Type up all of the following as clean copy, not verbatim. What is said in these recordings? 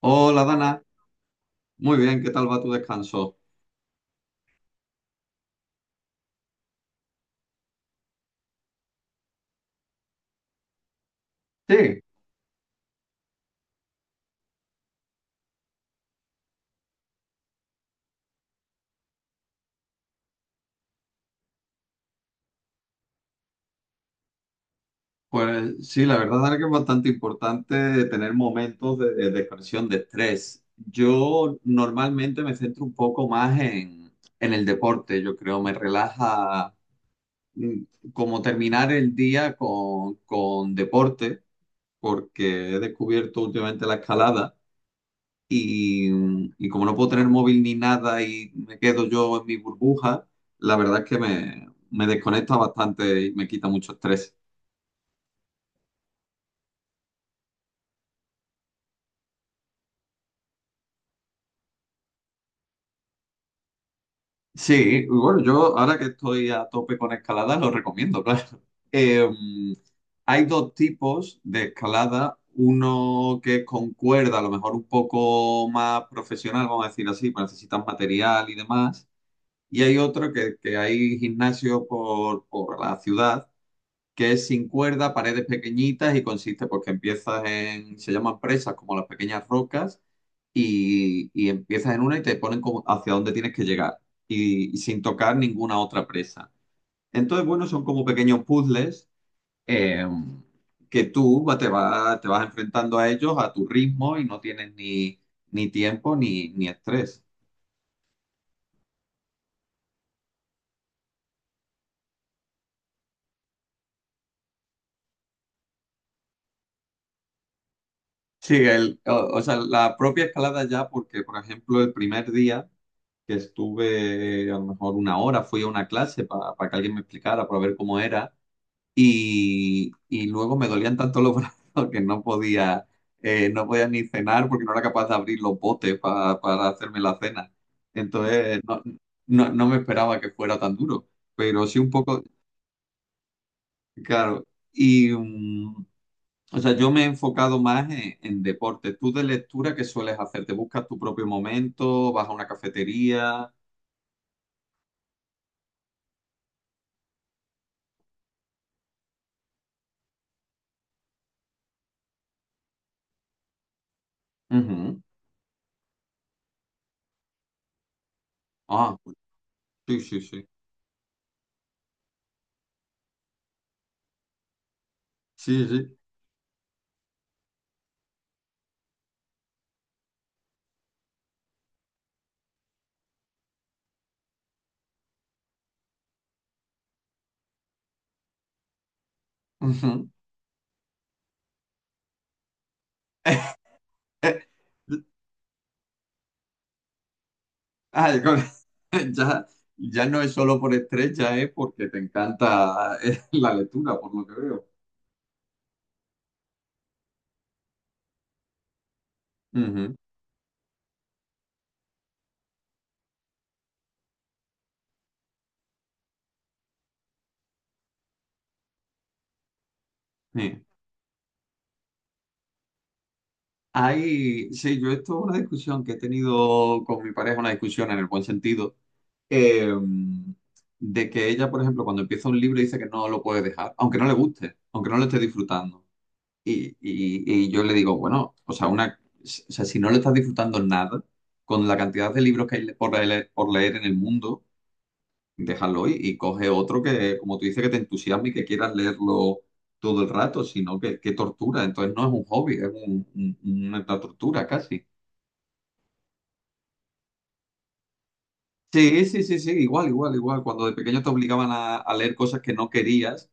Hola Dana, muy bien, ¿qué tal va tu descanso? Sí, pues sí, la verdad Dana, que es bastante importante tener momentos de expresión de estrés. Yo normalmente me centro un poco más en el deporte, yo creo, me relaja como terminar el día con deporte, porque he descubierto últimamente la escalada. Y, y como no puedo tener móvil ni nada y me quedo yo en mi burbuja, la verdad es que me desconecta bastante y me quita mucho estrés. Sí, y bueno, yo ahora que estoy a tope con escalada, lo recomiendo, claro. Eh, Hay dos tipos de escalada, uno que es con cuerda, a lo mejor un poco más profesional, vamos a decir así, pues necesitas material y demás, y hay otro que hay gimnasio por la ciudad que es sin cuerda, paredes pequeñitas y consiste porque empiezas en, se llaman presas como las pequeñas rocas y empiezas en una y te ponen como hacia dónde tienes que llegar y sin tocar ninguna otra presa. Entonces, bueno, son como pequeños puzzles, eh, que tú te vas enfrentando a ellos a tu ritmo y no tienes ni tiempo ni estrés. Sí, o sea, la propia escalada ya, porque por ejemplo el primer día que estuve a lo mejor una hora, fui a una clase para que alguien me explicara, para ver cómo era, y luego me dolían tanto los brazos que no podía, no podía ni cenar porque no era capaz de abrir los botes para hacerme la cena. Entonces, no me esperaba que fuera tan duro, pero sí un poco, claro. y... mm, o sea, yo me he enfocado más en deporte. ¿Tú de lectura qué sueles hacer? ¿Te buscas tu propio momento? ¿Vas a una cafetería? Ujú. Ah, sí, sí, sí. Sí, sí. Ujú. Eh, Ay, ya, ya no es solo por estrés, ya es porque te encanta, la lectura, por lo que veo. Ujú. Sí. Sí, yo esto es una discusión que he tenido con mi pareja, una discusión en el buen sentido, eh, de que ella, por ejemplo, cuando empieza un libro dice que no lo puede dejar, aunque no le guste, aunque no lo esté disfrutando. Y yo le digo, bueno, o sea, o sea, si no lo estás disfrutando nada, con la cantidad de libros que hay por leer en el mundo, déjalo y coge otro que, como tú dices, que te entusiasme y que quieras leerlo todo el rato, sino que tortura. Entonces no es un hobby, es una tortura casi. Sí, sí, sí, sí, igual, igual, igual. Cuando de pequeño te obligaban a leer cosas que no querías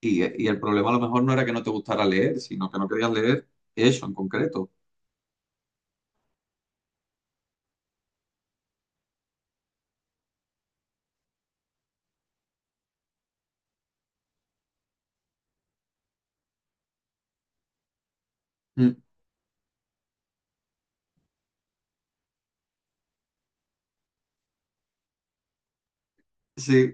y el problema a lo mejor no era que no te gustara leer, sino que no querías leer eso en concreto. Mm. Sí,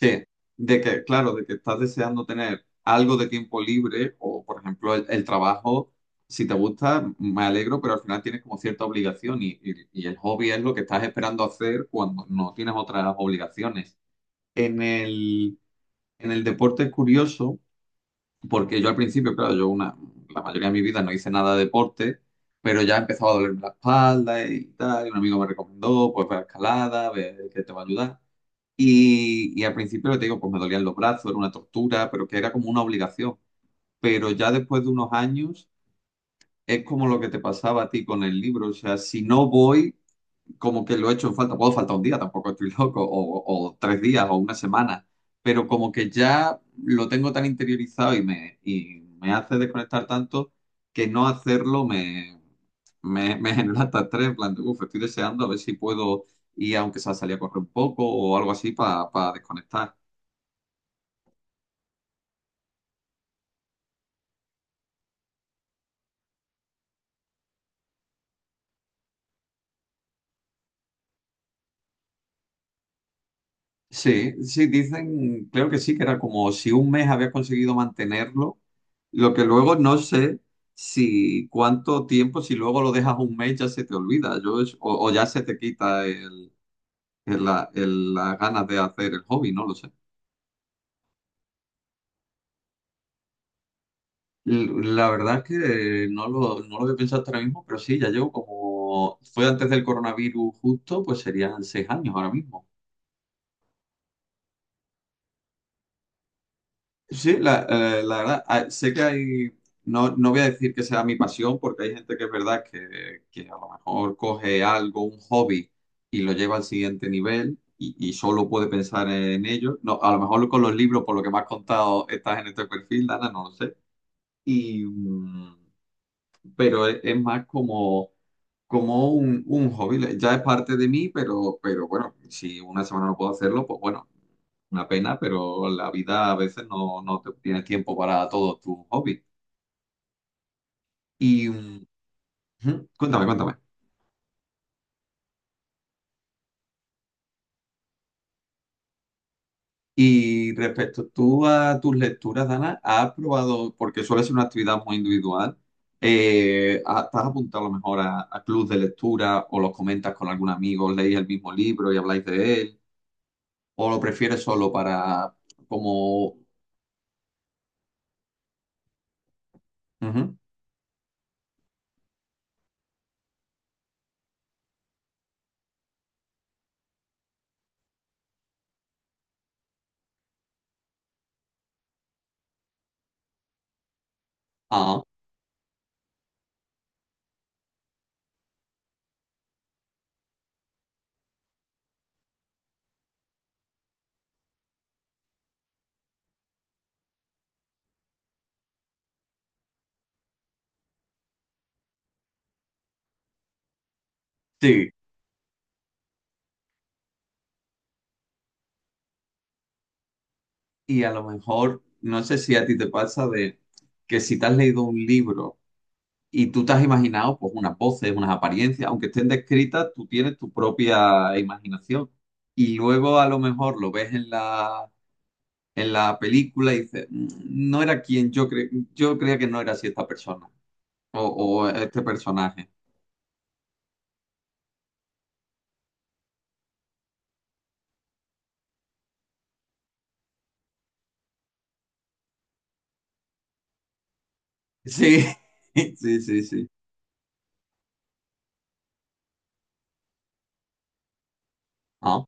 sí, de que, claro, de que estás deseando tener algo de tiempo libre o, por ejemplo, el trabajo, si te gusta, me alegro, pero al final tienes como cierta obligación y el hobby es lo que estás esperando hacer cuando no tienes otras obligaciones. En el, en el deporte es curioso, porque yo al principio, claro, yo la mayoría de mi vida no hice nada de deporte, pero ya empezaba a dolerme la espalda y tal, y un amigo me recomendó, pues ve a escalada, ve que te va a ayudar. Y al principio, lo que te digo, pues me dolían los brazos, era una tortura, pero que era como una obligación. Pero ya después de unos años, es como lo que te pasaba a ti con el libro. O sea, si no voy, como que lo he hecho en falta. Puedo faltar un día, tampoco estoy loco, o 3 días, o una semana. Pero como que ya lo tengo tan interiorizado y me hace desconectar tanto que no hacerlo me genera hasta estrés. En plan, de, "Uf, estoy deseando a ver si puedo ir, aunque sea salir a correr un poco o algo así, para desconectar." Sí, sí, dicen, creo que sí, que era como si un mes había conseguido mantenerlo, lo que luego no sé si cuánto tiempo, si luego lo dejas un mes ya se te olvida, o ya se te quita las ganas de hacer el hobby, no lo sé. La verdad es que no lo había pensado hasta ahora mismo, pero sí, ya llevo como, fue antes del coronavirus justo, pues serían 6 años ahora mismo. Sí, la verdad, ah, sé que hay, no voy a decir que sea mi pasión, porque hay gente que es verdad que a lo mejor coge algo, un hobby, y lo lleva al siguiente nivel y solo puede pensar en ello. No, a lo mejor con los libros, por lo que me has contado, estás en este perfil, Dana, no lo sé. Y, mm, pero es más como un hobby, ya es parte de mí, pero bueno, si una semana no puedo hacerlo, pues bueno, una pena, pero la vida a veces no te tienes tiempo para todos tus hobbies. Y mm, Ujú, cuéntame, cuéntame. Y respecto tú a tus lecturas, Dana, ¿has probado, porque suele ser una actividad muy individual, ¿te has apuntado a lo mejor a, clubs de lectura o los comentas con algún amigo, leéis el mismo libro y habláis de él? ¿O lo prefieres solo para como? Ujú. Ah, sí, y a lo mejor, no sé si a ti te pasa de que si te has leído un libro y tú te has imaginado pues unas voces, unas apariencias, aunque estén descritas, tú tienes tu propia imaginación. Y luego a lo mejor lo ves en la película y dices, "Mm, no era quien yo creía que no era así esta persona o, o este personaje." Sí, sí, sí, sí. Ah,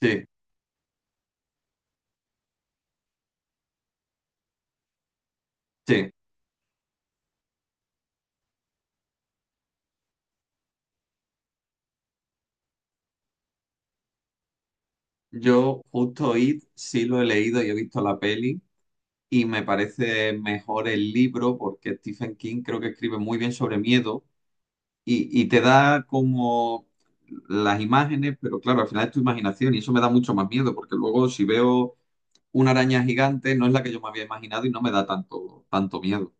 sí, sí. Yo justo It sí lo he leído y he visto la peli. Y me parece mejor el libro porque Stephen King creo que escribe muy bien sobre miedo y te da como las imágenes, pero claro, al final es tu imaginación y eso me da mucho más miedo porque luego si veo una araña gigante no es la que yo me había imaginado y no me da tanto, tanto miedo.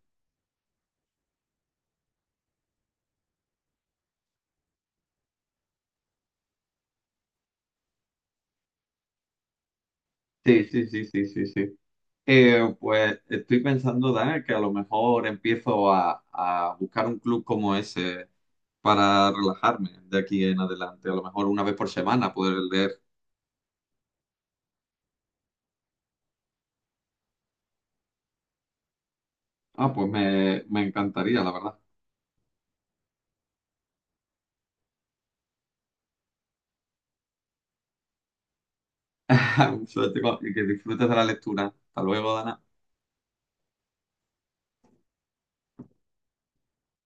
Sí, sí, sí, sí, sí, sí. Pues estoy pensando, Dana, que a lo mejor empiezo a buscar un club como ese para relajarme de aquí en adelante. A lo mejor una vez por semana poder leer. Ah, pues me encantaría, la verdad. Suerte y que disfrutes de la lectura. Hasta luego, Dana.